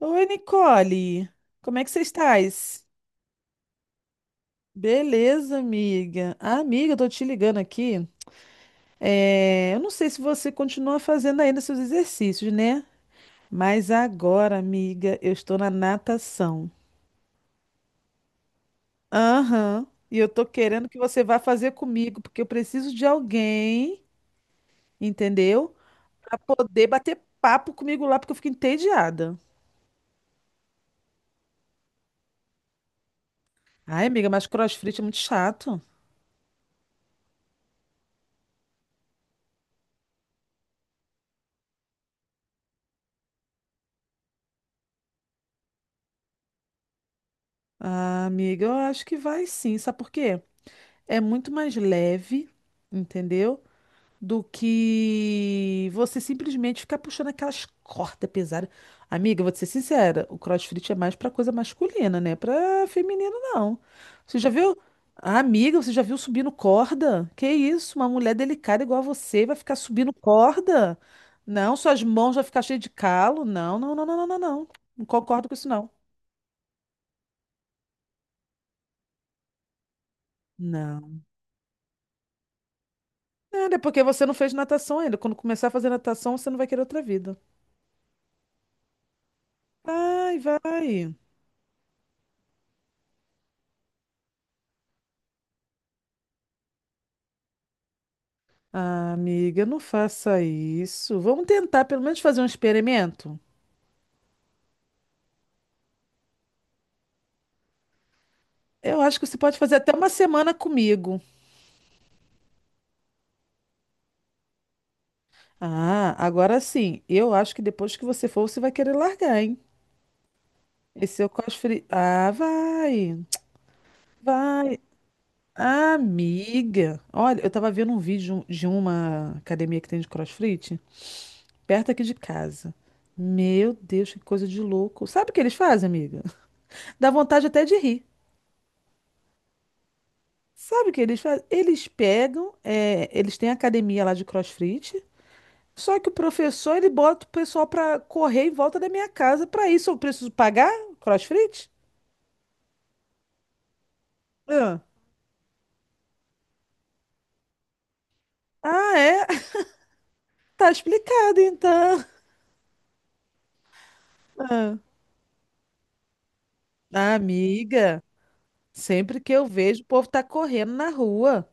Oi, Nicole. Como é que você estás? Beleza, amiga. Ah, amiga, eu tô te ligando aqui. É, eu não sei se você continua fazendo ainda seus exercícios, né? Mas agora, amiga, eu estou na natação. Aham. E eu tô querendo que você vá fazer comigo, porque eu preciso de alguém, entendeu? Pra poder bater papo comigo lá, porque eu fico entediada. Ai, amiga, mas CrossFit é muito chato. Ah, amiga, eu acho que vai sim. Sabe por quê? É muito mais leve, entendeu? Do que você simplesmente ficar puxando aquelas cordas pesadas. Amiga, vou te ser sincera, o CrossFit é mais pra coisa masculina, né? Pra feminino, não. Você já viu? Ah, amiga, você já viu subindo corda? Que isso? Uma mulher delicada igual a você vai ficar subindo corda? Não, suas mãos vão ficar cheias de calo. Não, não, não, não, não, não. Não. Não concordo com isso, não. Não. Nada, é, né? Porque você não fez natação ainda. Quando começar a fazer natação, você não vai querer outra vida. Vai, vai. Ah, amiga, não faça isso. Vamos tentar pelo menos fazer um experimento. Eu acho que você pode fazer até uma semana comigo. Ah, agora sim. Eu acho que depois que você for, você vai querer largar, hein? Esse seu cosfre. Ah, vai. Vai. Amiga. Olha, eu tava vendo um vídeo de uma academia que tem de CrossFit perto aqui de casa. Meu Deus, que coisa de louco. Sabe o que eles fazem, amiga? Dá vontade até de rir. Sabe o que eles fazem? Eles pegam, eles têm academia lá de CrossFit, só que o professor ele bota o pessoal pra correr em volta da minha casa. Pra isso eu preciso pagar CrossFit? Ah. Ah, é? Tá explicado então. Ah. Ah, amiga, sempre que eu vejo o povo tá correndo na rua.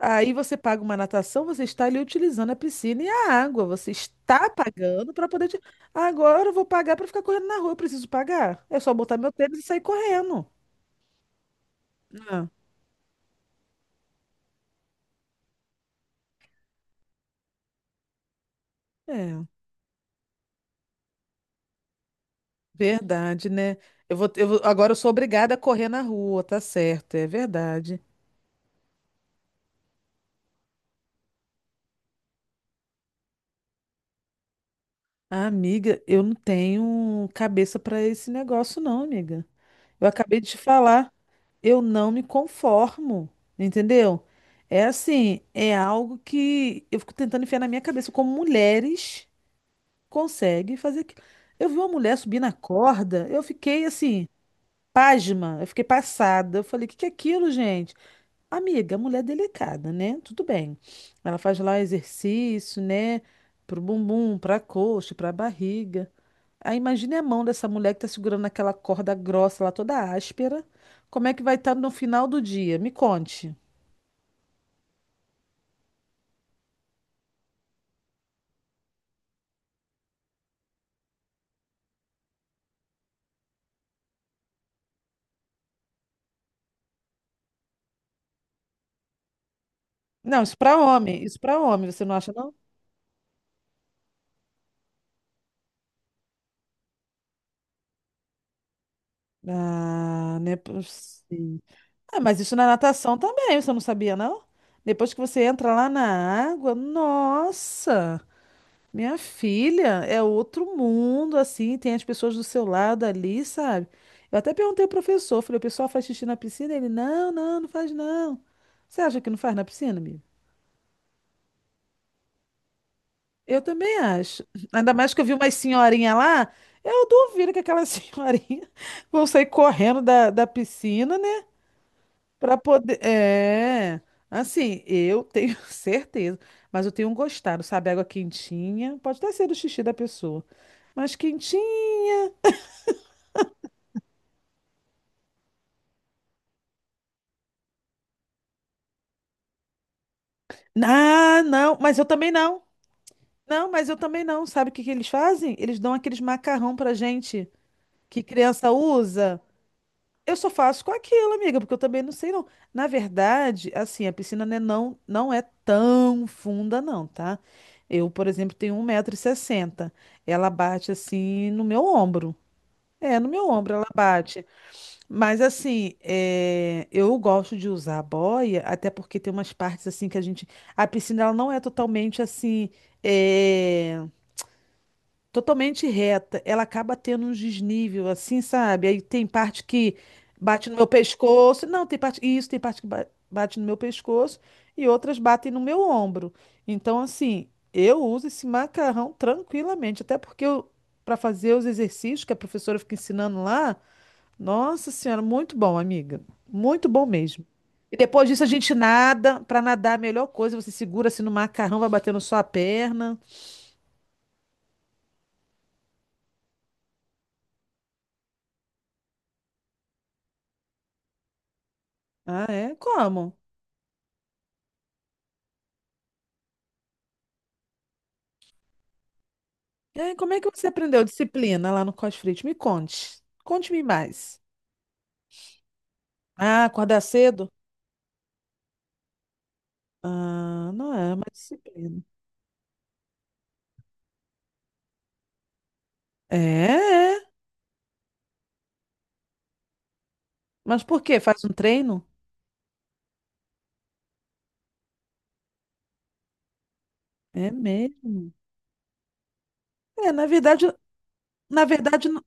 Aí você paga uma natação, você está ali utilizando a piscina e a água. Você está pagando para poder. Agora eu vou pagar para ficar correndo na rua. Eu preciso pagar. É só botar meu tênis e sair correndo. Ah, é, verdade, né? Agora eu sou obrigada a correr na rua, tá certo, é verdade. Ah, amiga, eu não tenho cabeça para esse negócio, não, amiga. Eu acabei de te falar, eu não me conformo, entendeu? É assim, é algo que eu fico tentando enfiar na minha cabeça, como mulheres conseguem fazer aquilo. Eu vi uma mulher subir na corda, eu fiquei assim, pasma, eu fiquei passada. Eu falei, o que que é aquilo, gente? Amiga, a mulher é delicada, né? Tudo bem. Ela faz lá exercício, né? Pro bumbum, pra coxa, pra barriga. Aí imagine a mão dessa mulher que tá segurando aquela corda grossa lá, toda áspera. Como é que vai estar no final do dia? Me conte. Não, isso pra homem. Isso pra homem, você não acha, não? Ah, não é possível. Ah, mas isso na natação também, você não sabia, não? Depois que você entra lá na água, nossa! Minha filha é outro mundo, assim, tem as pessoas do seu lado ali, sabe? Eu até perguntei ao professor, falei, o pessoal faz xixi na piscina? Ele, não, não, não faz não. Você acha que não faz na piscina, amigo? Eu também acho. Ainda mais que eu vi umas senhorinha lá, eu duvido que aquelas senhorinha vão sair correndo da, da piscina, né? Pra poder. É. Assim, eu tenho certeza, mas eu tenho um gostado, sabe? Água quentinha, pode até ser do xixi da pessoa, mas quentinha. Ah, não, mas eu também não. Não, mas eu também não. Sabe o que que eles fazem? Eles dão aqueles macarrão pra gente que criança usa. Eu só faço com aquilo, amiga, porque eu também não sei não. Na verdade, assim, a piscina, né, não, não é tão funda não, tá? Eu, por exemplo, tenho 1,60 m. Ela bate assim no meu ombro. É, no meu ombro ela bate. Mas assim, é, eu gosto de usar a boia, até porque tem umas partes assim que a gente. A piscina ela não é totalmente assim, é, totalmente reta. Ela acaba tendo uns desnível, assim, sabe? Aí tem parte que bate no meu pescoço. Não, tem parte. Isso, tem parte que bate no meu pescoço e outras batem no meu ombro. Então, assim, eu uso esse macarrão tranquilamente, até porque eu, para fazer os exercícios que a professora fica ensinando lá. Nossa Senhora, muito bom, amiga. Muito bom mesmo. E depois disso a gente nada. Para nadar, a melhor coisa, você segura assim no macarrão, vai batendo só a perna. Ah, é? Como? É, como é que você aprendeu disciplina lá no CrossFit? Me conte. Conte-me mais. Ah, acordar cedo? Ah, não é, mas disciplina. É, é. Mas por quê? Faz um treino? É mesmo. É, na verdade, na verdade, n-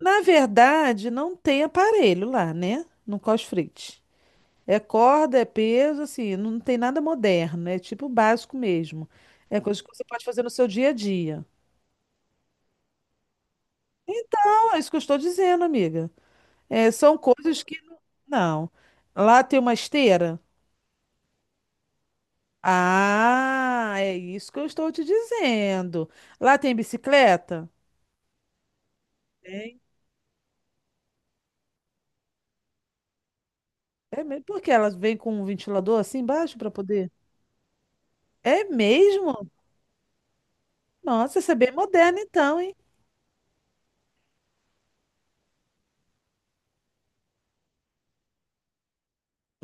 na verdade, não tem aparelho lá, né? No CrossFit. É corda, é peso, assim, não tem nada moderno, é tipo básico mesmo. É coisa que você pode fazer no seu dia a dia. Então, é isso que eu estou dizendo, amiga. É, são coisas que não. Não. Lá tem uma esteira? Ah, é isso que eu estou te dizendo. Lá tem bicicleta? Tem. É mesmo? Porque elas vêm com um ventilador assim embaixo para poder. É mesmo? Nossa, isso é bem moderno então, hein?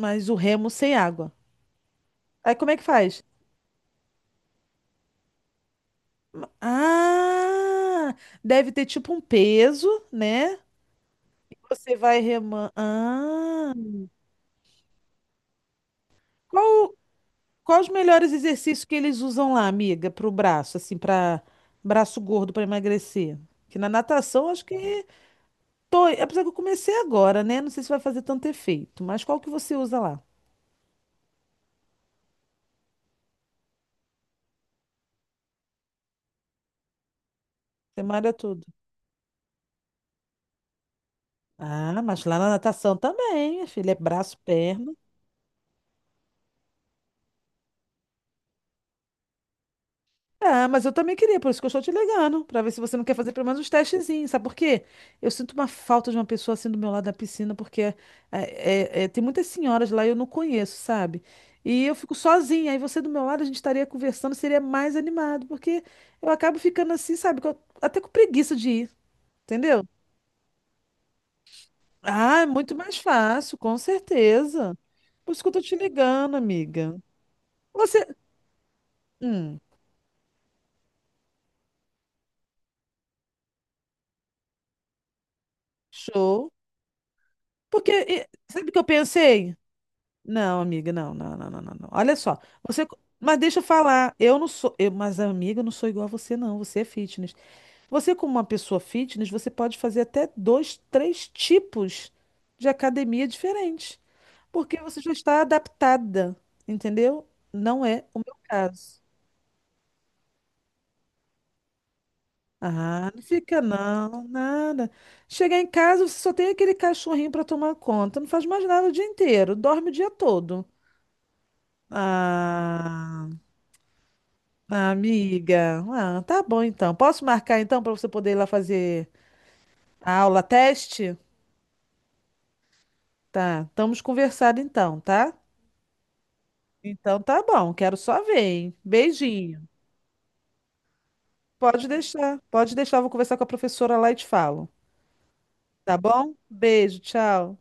Mas o remo sem água. Aí como é que faz? Ah, deve ter tipo um peso, né? Você vai remando. Ah, qual, qual os melhores exercícios que eles usam lá, amiga, para o braço, assim, para braço gordo para emagrecer? Que na natação acho que tô, apesar que eu comecei agora, né? Não sei se vai fazer tanto efeito, mas qual que você usa lá? Você malha tudo. Ah, mas lá na natação também, minha filha, é braço, perna. Ah, mas eu também queria, por isso que eu estou te ligando, para ver se você não quer fazer pelo menos uns testezinhos, sabe por quê? Eu sinto uma falta de uma pessoa assim do meu lado da piscina, porque é, tem muitas senhoras lá e eu não conheço, sabe? E eu fico sozinha, aí você do meu lado, a gente estaria conversando, seria mais animado, porque eu acabo ficando assim, sabe? Até com preguiça de ir, entendeu? Ah, é muito mais fácil, com certeza. Por isso que eu tô te ligando, amiga. Você. Hum, show. Porque, sabe o que eu pensei? Não, amiga, não, não, não, não, não. Não. Olha só, você. Mas deixa eu falar, eu não sou. Eu, mas, amiga, eu não sou igual a você, não. Você é fitness. Você, como uma pessoa fitness, você pode fazer até dois, três tipos de academia diferentes. Porque você já está adaptada, entendeu? Não é o meu caso. Ah, não fica não, nada. Chegar em casa, você só tem aquele cachorrinho para tomar conta. Não faz mais nada o dia inteiro, dorme o dia todo. Ah. Ah, amiga. Ah, tá bom então. Posso marcar então para você poder ir lá fazer a aula teste? Tá, estamos conversando então, tá? Então tá bom, quero só ver, hein? Beijinho. Pode deixar, eu vou conversar com a professora lá e te falo. Tá bom? Beijo, tchau.